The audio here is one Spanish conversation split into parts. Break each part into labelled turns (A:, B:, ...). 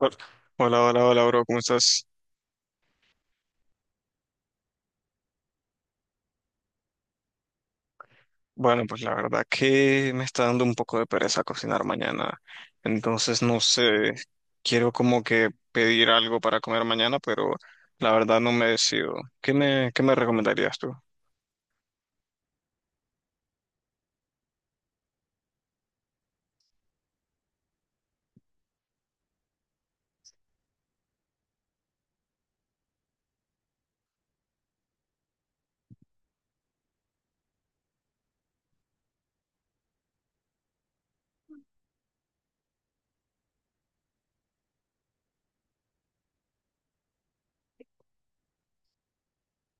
A: Hola, hola, hola, hola, bro, ¿cómo estás? Bueno, pues la verdad que me está dando un poco de pereza cocinar mañana, entonces no sé, quiero como que pedir algo para comer mañana, pero la verdad no me decido. ¿Qué me recomendarías tú?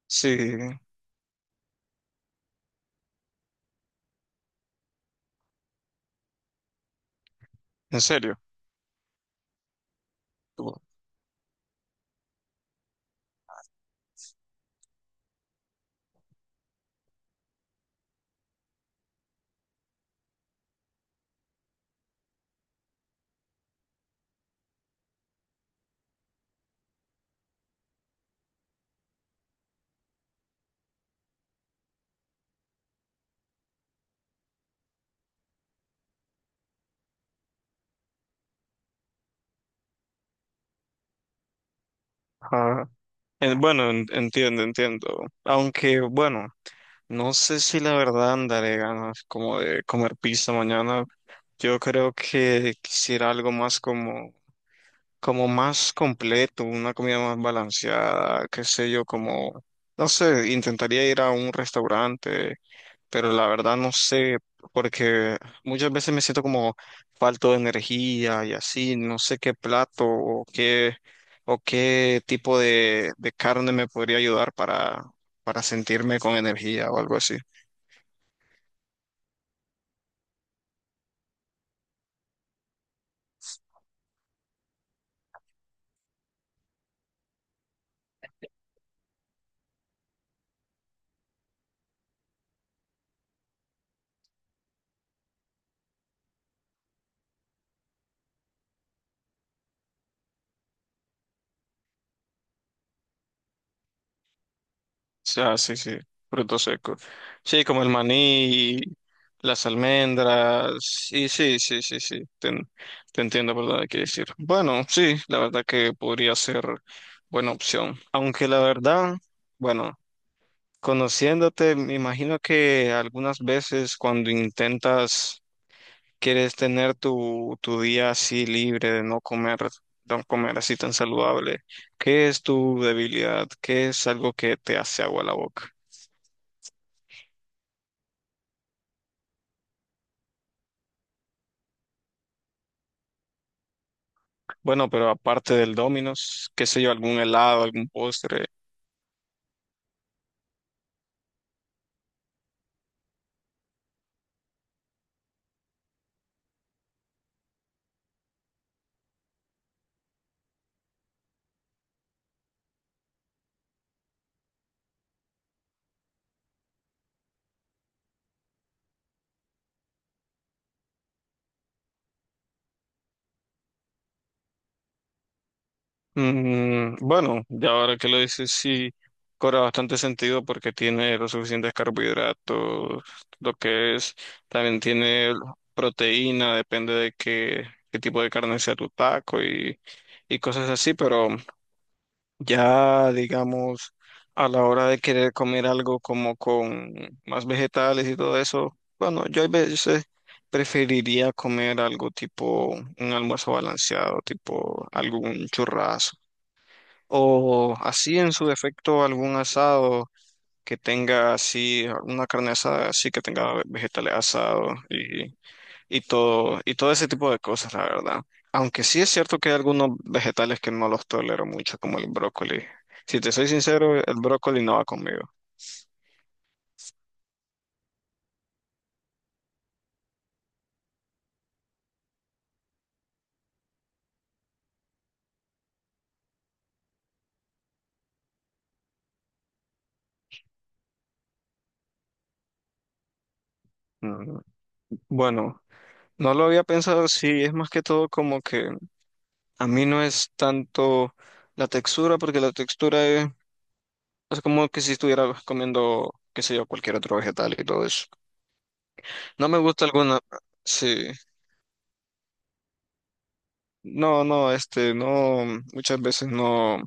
A: Sí, en serio. Tú. Ajá. Entiendo, entiendo. Aunque, bueno, no sé si la verdad andaré ganas como de comer pizza mañana. Yo creo que quisiera algo más como más completo, una comida más balanceada, qué sé yo, como, no sé, intentaría ir a un restaurante, pero la verdad no sé, porque muchas veces me siento como falto de energía y así, no sé qué plato o qué tipo de carne me podría ayudar para sentirme con energía o algo así. Sí, ah, sí, sí, frutos secos. Sí, como el maní, las almendras, y sí, sí, sí, sí, te entiendo, ¿verdad? Quiere decir. Bueno, sí, la verdad que podría ser buena opción. Aunque la verdad, bueno, conociéndote, me imagino que algunas veces cuando intentas, quieres tener tu día así libre de no comer, no comer así tan saludable. ¿Qué es tu debilidad? ¿Qué es algo que te hace agua la boca? Bueno, pero aparte del Domino's, qué sé yo, algún helado, algún postre. Mm, bueno, ya ahora que lo dices, sí, cobra bastante sentido porque tiene los suficientes carbohidratos, lo que es, también tiene proteína, depende de qué, qué tipo de carne sea tu taco y cosas así, pero ya, digamos, a la hora de querer comer algo como con más vegetales y todo eso, bueno, yo a veces preferiría comer algo tipo un almuerzo balanceado, tipo algún churrasco, o así en su defecto algún asado que tenga así, una carne asada así que tenga vegetales asados y todo, todo ese tipo de cosas, la verdad. Aunque sí es cierto que hay algunos vegetales que no los tolero mucho, como el brócoli. Si te soy sincero, el brócoli no va conmigo. Mm, bueno, no lo había pensado, sí, es más que todo como que a mí no es tanto la textura, porque la textura es como que si estuviera comiendo, qué sé yo, cualquier otro vegetal y todo eso. No me gusta alguna, sí, no, no, no, muchas veces no.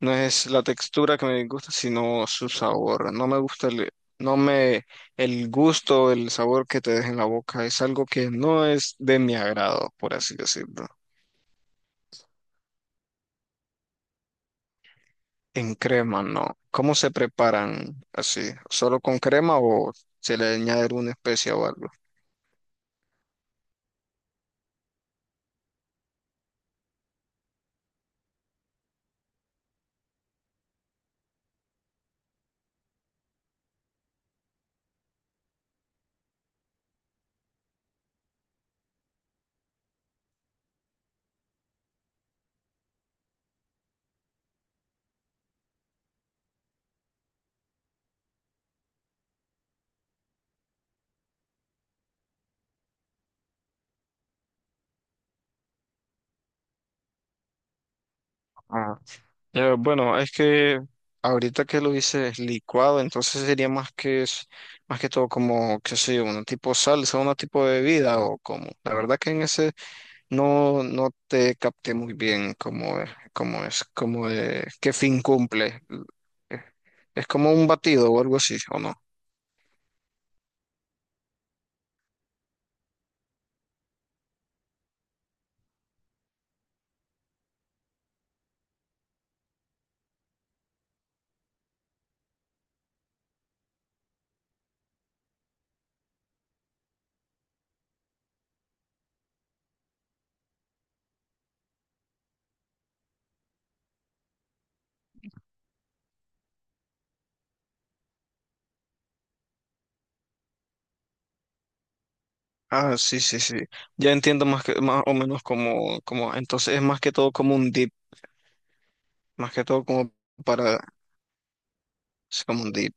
A: No es la textura que me gusta, sino su sabor. No me gusta el, no me, el gusto, el sabor que te deja en la boca. Es algo que no es de mi agrado, por así decirlo. En crema, no. ¿Cómo se preparan así? ¿Solo con crema o se le añade una especia o algo? Bueno, es que ahorita que lo dices licuado, entonces sería más que es- más que todo como, qué sé yo, un tipo salsa, un tipo de bebida o como. La verdad que en ese no, no te capté muy bien cómo es, qué fin cumple. Eh, ¿Es como un batido o algo así, o no? Ah, sí, sí, sí. Ya entiendo más que, más o menos como, como, entonces es más que todo como un dip, más que todo como para, es como un dip.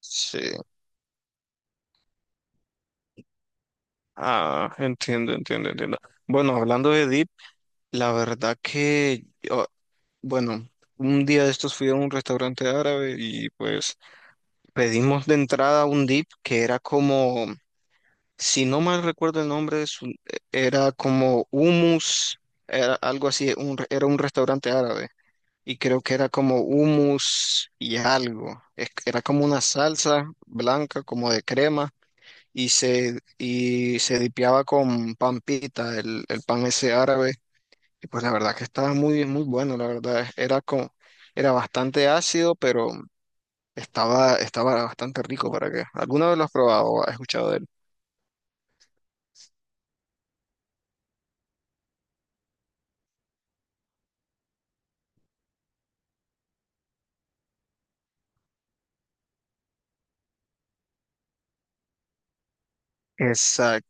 A: Sí. Ah, entiendo, entiendo, entiendo. Bueno, hablando de Deep, la verdad que, bueno, un día de estos fui a un restaurante árabe y pues pedimos de entrada un Deep que era como, si no mal recuerdo el nombre, era como hummus, era algo así, era un restaurante árabe y creo que era como hummus y algo. Era como una salsa blanca, como de crema y se dipeaba con pan pita, el pan ese árabe, y pues la verdad que estaba muy, muy bueno, la verdad, era como, era bastante ácido, pero estaba bastante rico para que, ¿alguna vez lo has probado o has escuchado de él? Exacto.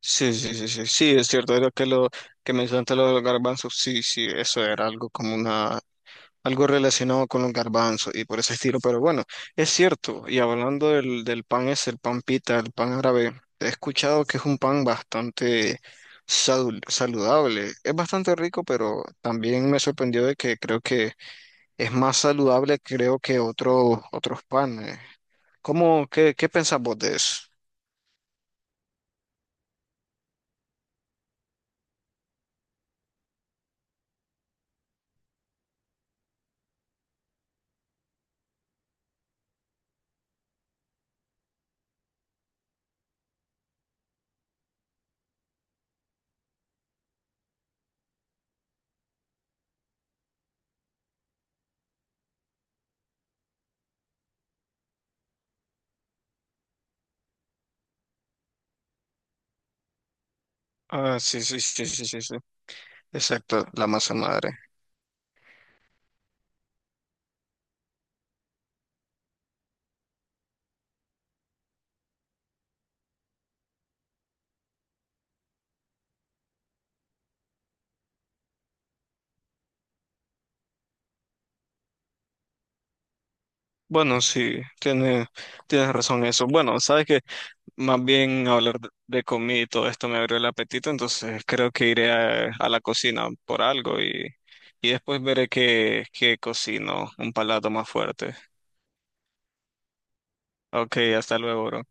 A: Sí, sí, sí, sí, sí, es cierto, era que lo que mencionaste lo de los garbanzos, sí, sí, eso era algo como una algo relacionado con los garbanzos y por ese estilo, pero bueno, es cierto, y hablando del pan es el pan pita, el pan árabe, he escuchado que es un pan bastante saludable, es bastante rico, pero también me sorprendió de que creo que es más saludable creo que otros panes. ¿ Qué pensás vos de eso? Ah, sí, sí, sí, sí, sí, sí. Exacto, la masa madre. Bueno, sí, tienes razón en eso. Bueno, sabes que más bien hablar de comida y todo esto me abrió el apetito, entonces creo que iré a la cocina por algo y después veré qué, qué cocino, un palato más fuerte. Ok, hasta luego, bro.